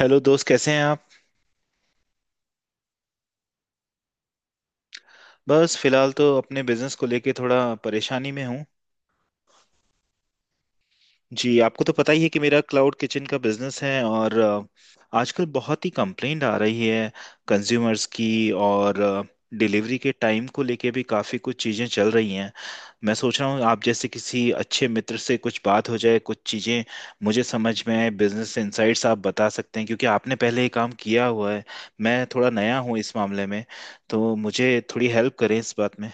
Hello दोस्त, कैसे हैं आप। बस फिलहाल तो अपने बिजनेस को लेके थोड़ा परेशानी में हूँ। जी, आपको तो पता ही है कि मेरा क्लाउड किचन का बिजनेस है, और आजकल बहुत ही कंप्लेंट आ रही है कंज्यूमर्स की, और डिलीवरी के टाइम को लेके भी काफ़ी कुछ चीज़ें चल रही हैं। मैं सोच रहा हूँ आप जैसे किसी अच्छे मित्र से कुछ बात हो जाए, कुछ चीज़ें मुझे समझ में आए। बिजनेस इनसाइट्स आप बता सकते हैं क्योंकि आपने पहले ये काम किया हुआ है। मैं थोड़ा नया हूँ इस मामले में, तो मुझे थोड़ी हेल्प करें इस बात में।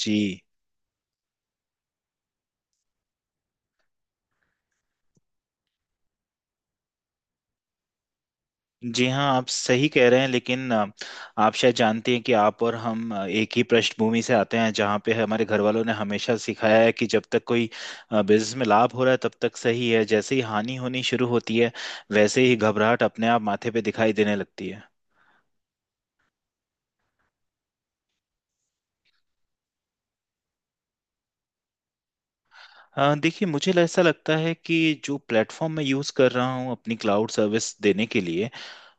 जी। जी हाँ, आप सही कह रहे हैं, लेकिन आप शायद जानते हैं कि आप और हम एक ही पृष्ठभूमि से आते हैं, जहाँ पे हमारे घर वालों ने हमेशा सिखाया है कि जब तक कोई बिजनेस में लाभ हो रहा है तब तक सही है, जैसे ही हानि होनी शुरू होती है वैसे ही घबराहट अपने आप माथे पे दिखाई देने लगती है। देखिए, मुझे ऐसा लगता है कि जो प्लेटफॉर्म मैं यूज़ कर रहा हूँ अपनी क्लाउड सर्विस देने के लिए,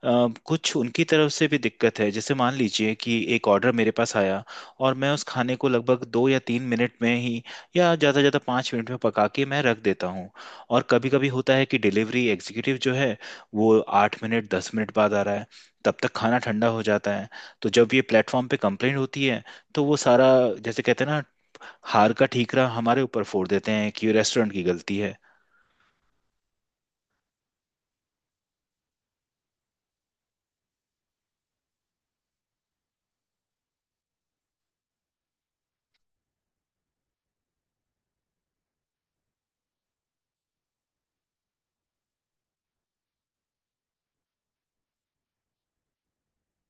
अ, कुछ उनकी तरफ से भी दिक्कत है। जैसे मान लीजिए कि एक ऑर्डर मेरे पास आया, और मैं उस खाने को लगभग 2 या 3 मिनट में ही या ज़्यादा से ज़्यादा 5 मिनट में पका के मैं रख देता हूँ। और कभी कभी होता है कि डिलीवरी एग्जीक्यूटिव जो है, वो 8 मिनट 10 मिनट बाद आ रहा है, तब तक खाना ठंडा हो जाता है। तो जब ये प्लेटफॉर्म पे कंप्लेंट होती है, तो वो सारा, जैसे कहते हैं ना, हार का ठीकरा हमारे ऊपर फोड़ देते हैं कि रेस्टोरेंट की गलती है।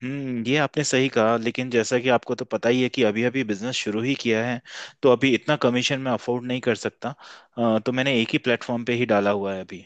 हम्म, ये आपने सही कहा, लेकिन जैसा कि आपको तो पता ही है कि अभी अभी बिजनेस शुरू ही किया है, तो अभी इतना कमीशन मैं अफोर्ड नहीं कर सकता। तो मैंने एक ही प्लेटफॉर्म पे ही डाला हुआ है अभी।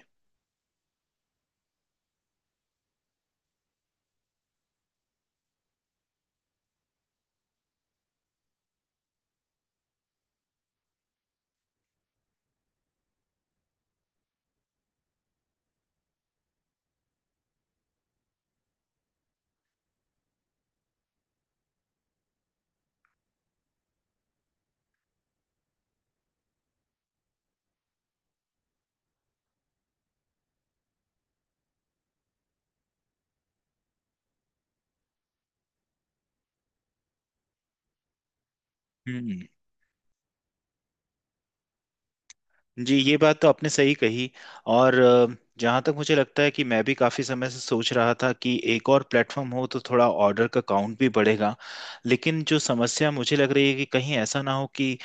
हम्म। जी, ये बात तो आपने सही कही। और जहाँ तक मुझे लगता है कि मैं भी काफ़ी समय से सोच रहा था कि एक और प्लेटफॉर्म हो तो थोड़ा ऑर्डर का काउंट भी बढ़ेगा, लेकिन जो समस्या मुझे लग रही है कि कहीं ऐसा ना हो कि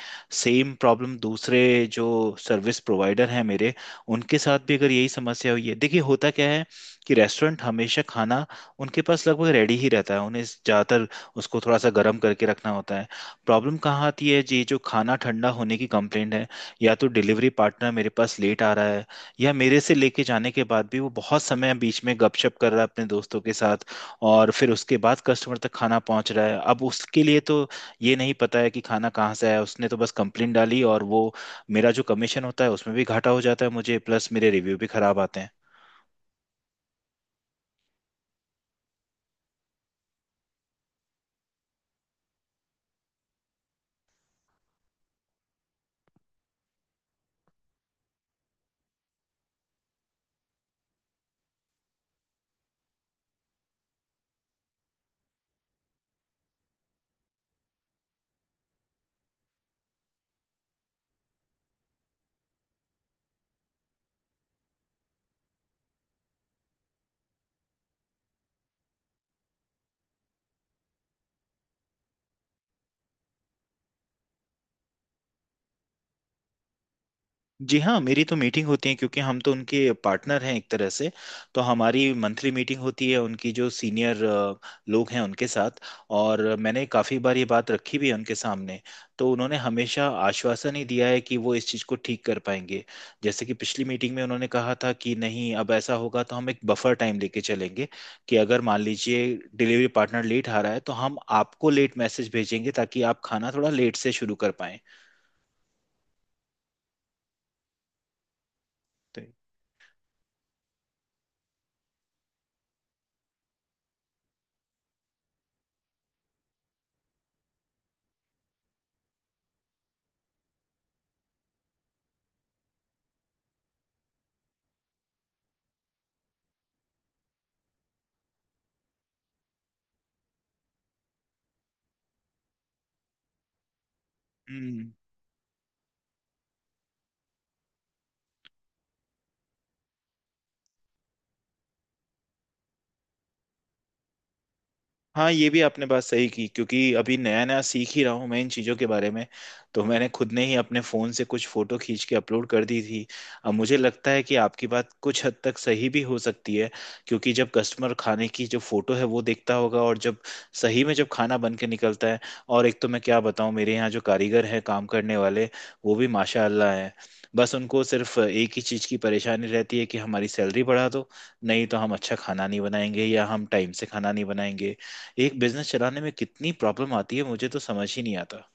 सेम प्रॉब्लम दूसरे जो सर्विस प्रोवाइडर हैं मेरे, उनके साथ भी अगर यही समस्या हुई है। देखिए, होता क्या है कि रेस्टोरेंट हमेशा खाना, उनके पास लगभग रेडी ही रहता है, उन्हें ज़्यादातर उसको थोड़ा सा गर्म करके रखना होता है। प्रॉब्लम कहाँ आती है जी, जो खाना ठंडा होने की कंप्लेंट है, या तो डिलीवरी पार्टनर मेरे पास लेट आ रहा है, या मेरे से लेके जाने के बाद भी वो बहुत समय बीच में गपशप कर रहा है अपने दोस्तों के साथ, और फिर उसके बाद कस्टमर तक खाना पहुंच रहा है। अब उसके लिए तो ये नहीं पता है कि खाना कहाँ से आया, उसने तो बस कंप्लेन डाली, और वो मेरा जो कमीशन होता है उसमें भी घाटा हो जाता है मुझे, प्लस मेरे रिव्यू भी खराब आते हैं। जी हाँ, मेरी तो मीटिंग होती है क्योंकि हम तो उनके पार्टनर हैं एक तरह से, तो हमारी मंथली मीटिंग होती है उनकी जो सीनियर लोग हैं उनके साथ, और मैंने काफ़ी बार ये बात रखी भी है उनके सामने। तो उन्होंने हमेशा आश्वासन ही दिया है कि वो इस चीज़ को ठीक कर पाएंगे। जैसे कि पिछली मीटिंग में उन्होंने कहा था कि नहीं, अब ऐसा होगा तो हम एक बफर टाइम लेके चलेंगे कि अगर मान लीजिए डिलीवरी पार्टनर लेट आ रहा है तो हम आपको लेट मैसेज भेजेंगे, ताकि आप खाना थोड़ा लेट से शुरू कर पाएं। तो हम्म, हाँ, ये भी आपने बात सही की, क्योंकि अभी नया नया सीख ही रहा हूँ मैं इन चीज़ों के बारे में, तो मैंने खुद ने ही अपने फ़ोन से कुछ फ़ोटो खींच के अपलोड कर दी थी। अब मुझे लगता है कि आपकी बात कुछ हद तक सही भी हो सकती है, क्योंकि जब कस्टमर खाने की जो फ़ोटो है वो देखता होगा, और जब सही में जब खाना बन के निकलता है। और एक तो मैं क्या बताऊँ, मेरे यहाँ जो कारीगर हैं काम करने वाले, वो भी माशाल्लाह हैं। बस उनको सिर्फ एक ही चीज़ की परेशानी रहती है कि हमारी सैलरी बढ़ा दो, नहीं तो हम अच्छा खाना नहीं बनाएंगे या हम टाइम से खाना नहीं बनाएंगे। एक बिजनेस चलाने में कितनी प्रॉब्लम आती है, मुझे तो समझ ही नहीं आता।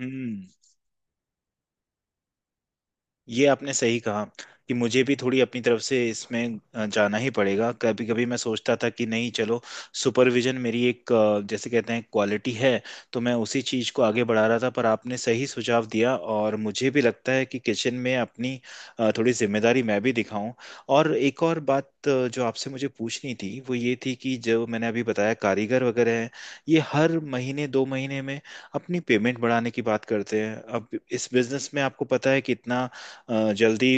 हम्म, ये आपने सही कहा कि मुझे भी थोड़ी अपनी तरफ से इसमें जाना ही पड़ेगा। कभी कभी मैं सोचता था कि नहीं, चलो, सुपरविजन मेरी एक जैसे कहते हैं क्वालिटी है, तो मैं उसी चीज़ को आगे बढ़ा रहा था, पर आपने सही सुझाव दिया और मुझे भी लगता है कि किचन में अपनी थोड़ी जिम्मेदारी मैं भी दिखाऊं। और एक और बात जो आपसे मुझे पूछनी थी वो ये थी कि जो मैंने अभी बताया कारीगर वगैरह हैं, ये हर महीने 2 महीने में अपनी पेमेंट बढ़ाने की बात करते हैं। अब इस बिजनेस में आपको पता है कितना जल्दी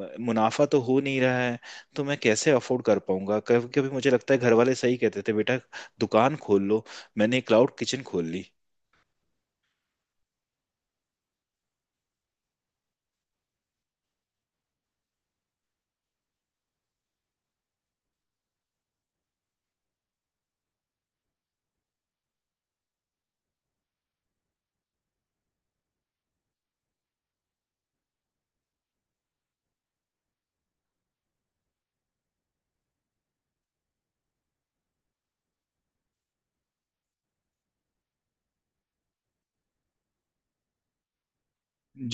मुनाफा तो हो नहीं रहा है, तो मैं कैसे अफोर्ड कर पाऊंगा। कभी कभी मुझे लगता है घर वाले सही कहते थे, बेटा दुकान खोल लो, मैंने क्लाउड किचन खोल ली।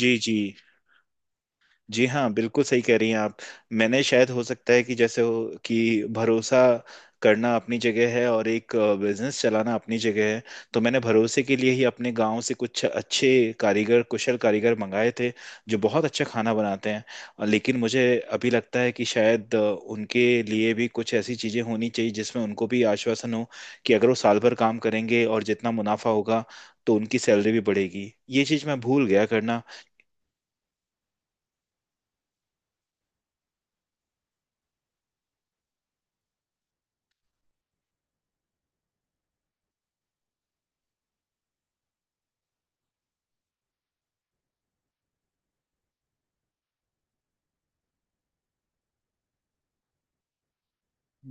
जी। जी। जी हाँ, बिल्कुल सही कह रही हैं आप। मैंने शायद, हो सकता है कि जैसे हो कि भरोसा करना अपनी जगह है और एक बिजनेस चलाना अपनी जगह है। तो मैंने भरोसे के लिए ही अपने गांव से कुछ अच्छे कारीगर, कुशल कारीगर मंगाए थे जो बहुत अच्छा खाना बनाते हैं। और लेकिन मुझे अभी लगता है कि शायद उनके लिए भी कुछ ऐसी चीज़ें होनी चाहिए जिसमें उनको भी आश्वासन हो कि अगर वो साल भर काम करेंगे और जितना मुनाफा होगा तो उनकी सैलरी भी बढ़ेगी। ये चीज़ मैं भूल गया करना।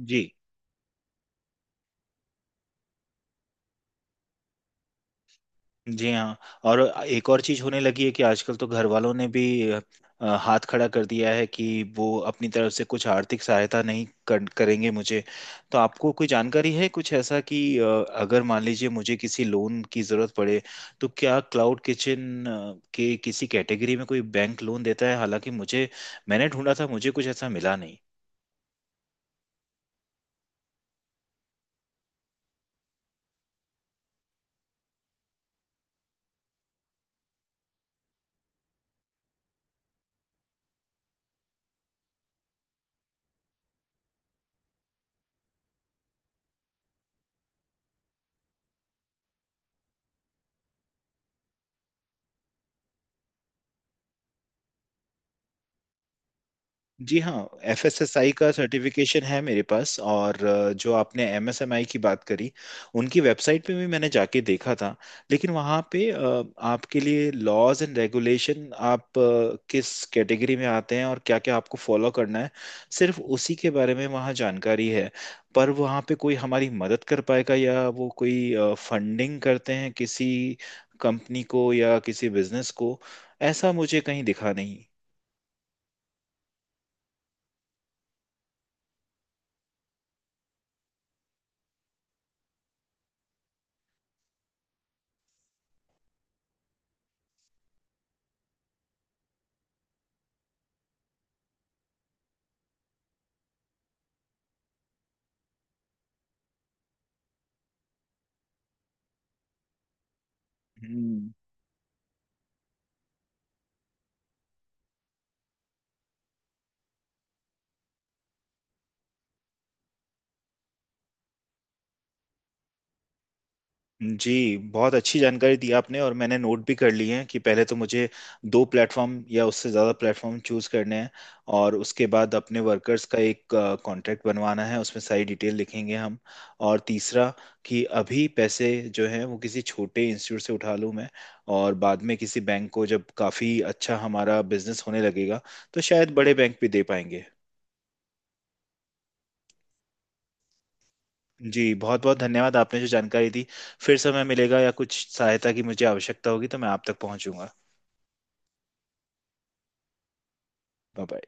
जी। जी हाँ। और एक और चीज होने लगी है कि आजकल तो घर वालों ने भी हाथ खड़ा कर दिया है कि वो अपनी तरफ से कुछ आर्थिक सहायता नहीं कर, करेंगे मुझे। तो आपको कोई जानकारी है कुछ ऐसा कि अगर मान लीजिए मुझे किसी लोन की जरूरत पड़े, तो क्या क्लाउड किचन के किसी कैटेगरी में कोई बैंक लोन देता है। हालांकि मुझे, मैंने ढूंढा था, मुझे कुछ ऐसा मिला नहीं। जी हाँ, एफएसएसआई का सर्टिफिकेशन है मेरे पास, और जो आपने एमएसएमई की बात करी, उनकी वेबसाइट पे भी मैंने जाके देखा था, लेकिन वहाँ पे आपके लिए लॉज एंड रेगुलेशन आप किस कैटेगरी में आते हैं और क्या क्या आपको फॉलो करना है, सिर्फ उसी के बारे में वहाँ जानकारी है। पर वहाँ पे कोई हमारी मदद कर पाएगा या वो कोई फंडिंग करते हैं किसी कंपनी को या किसी बिजनेस को, ऐसा मुझे कहीं दिखा नहीं। हम्म। जी बहुत अच्छी जानकारी दी आपने, और मैंने नोट भी कर लिए हैं कि पहले तो मुझे 2 प्लेटफॉर्म या उससे ज़्यादा प्लेटफॉर्म चूज करने हैं, और उसके बाद अपने वर्कर्स का एक कॉन्ट्रैक्ट बनवाना है, उसमें सारी डिटेल लिखेंगे हम। और तीसरा, कि अभी पैसे जो हैं वो किसी छोटे इंस्टीट्यूट से उठा लूँ मैं, और बाद में किसी बैंक को, जब काफ़ी अच्छा हमारा बिजनेस होने लगेगा, तो शायद बड़े बैंक भी दे पाएंगे। जी बहुत बहुत धन्यवाद, आपने जो जानकारी दी। फिर समय मिलेगा या कुछ सहायता की मुझे आवश्यकता होगी तो मैं आप तक पहुंचूंगा। Bye bye.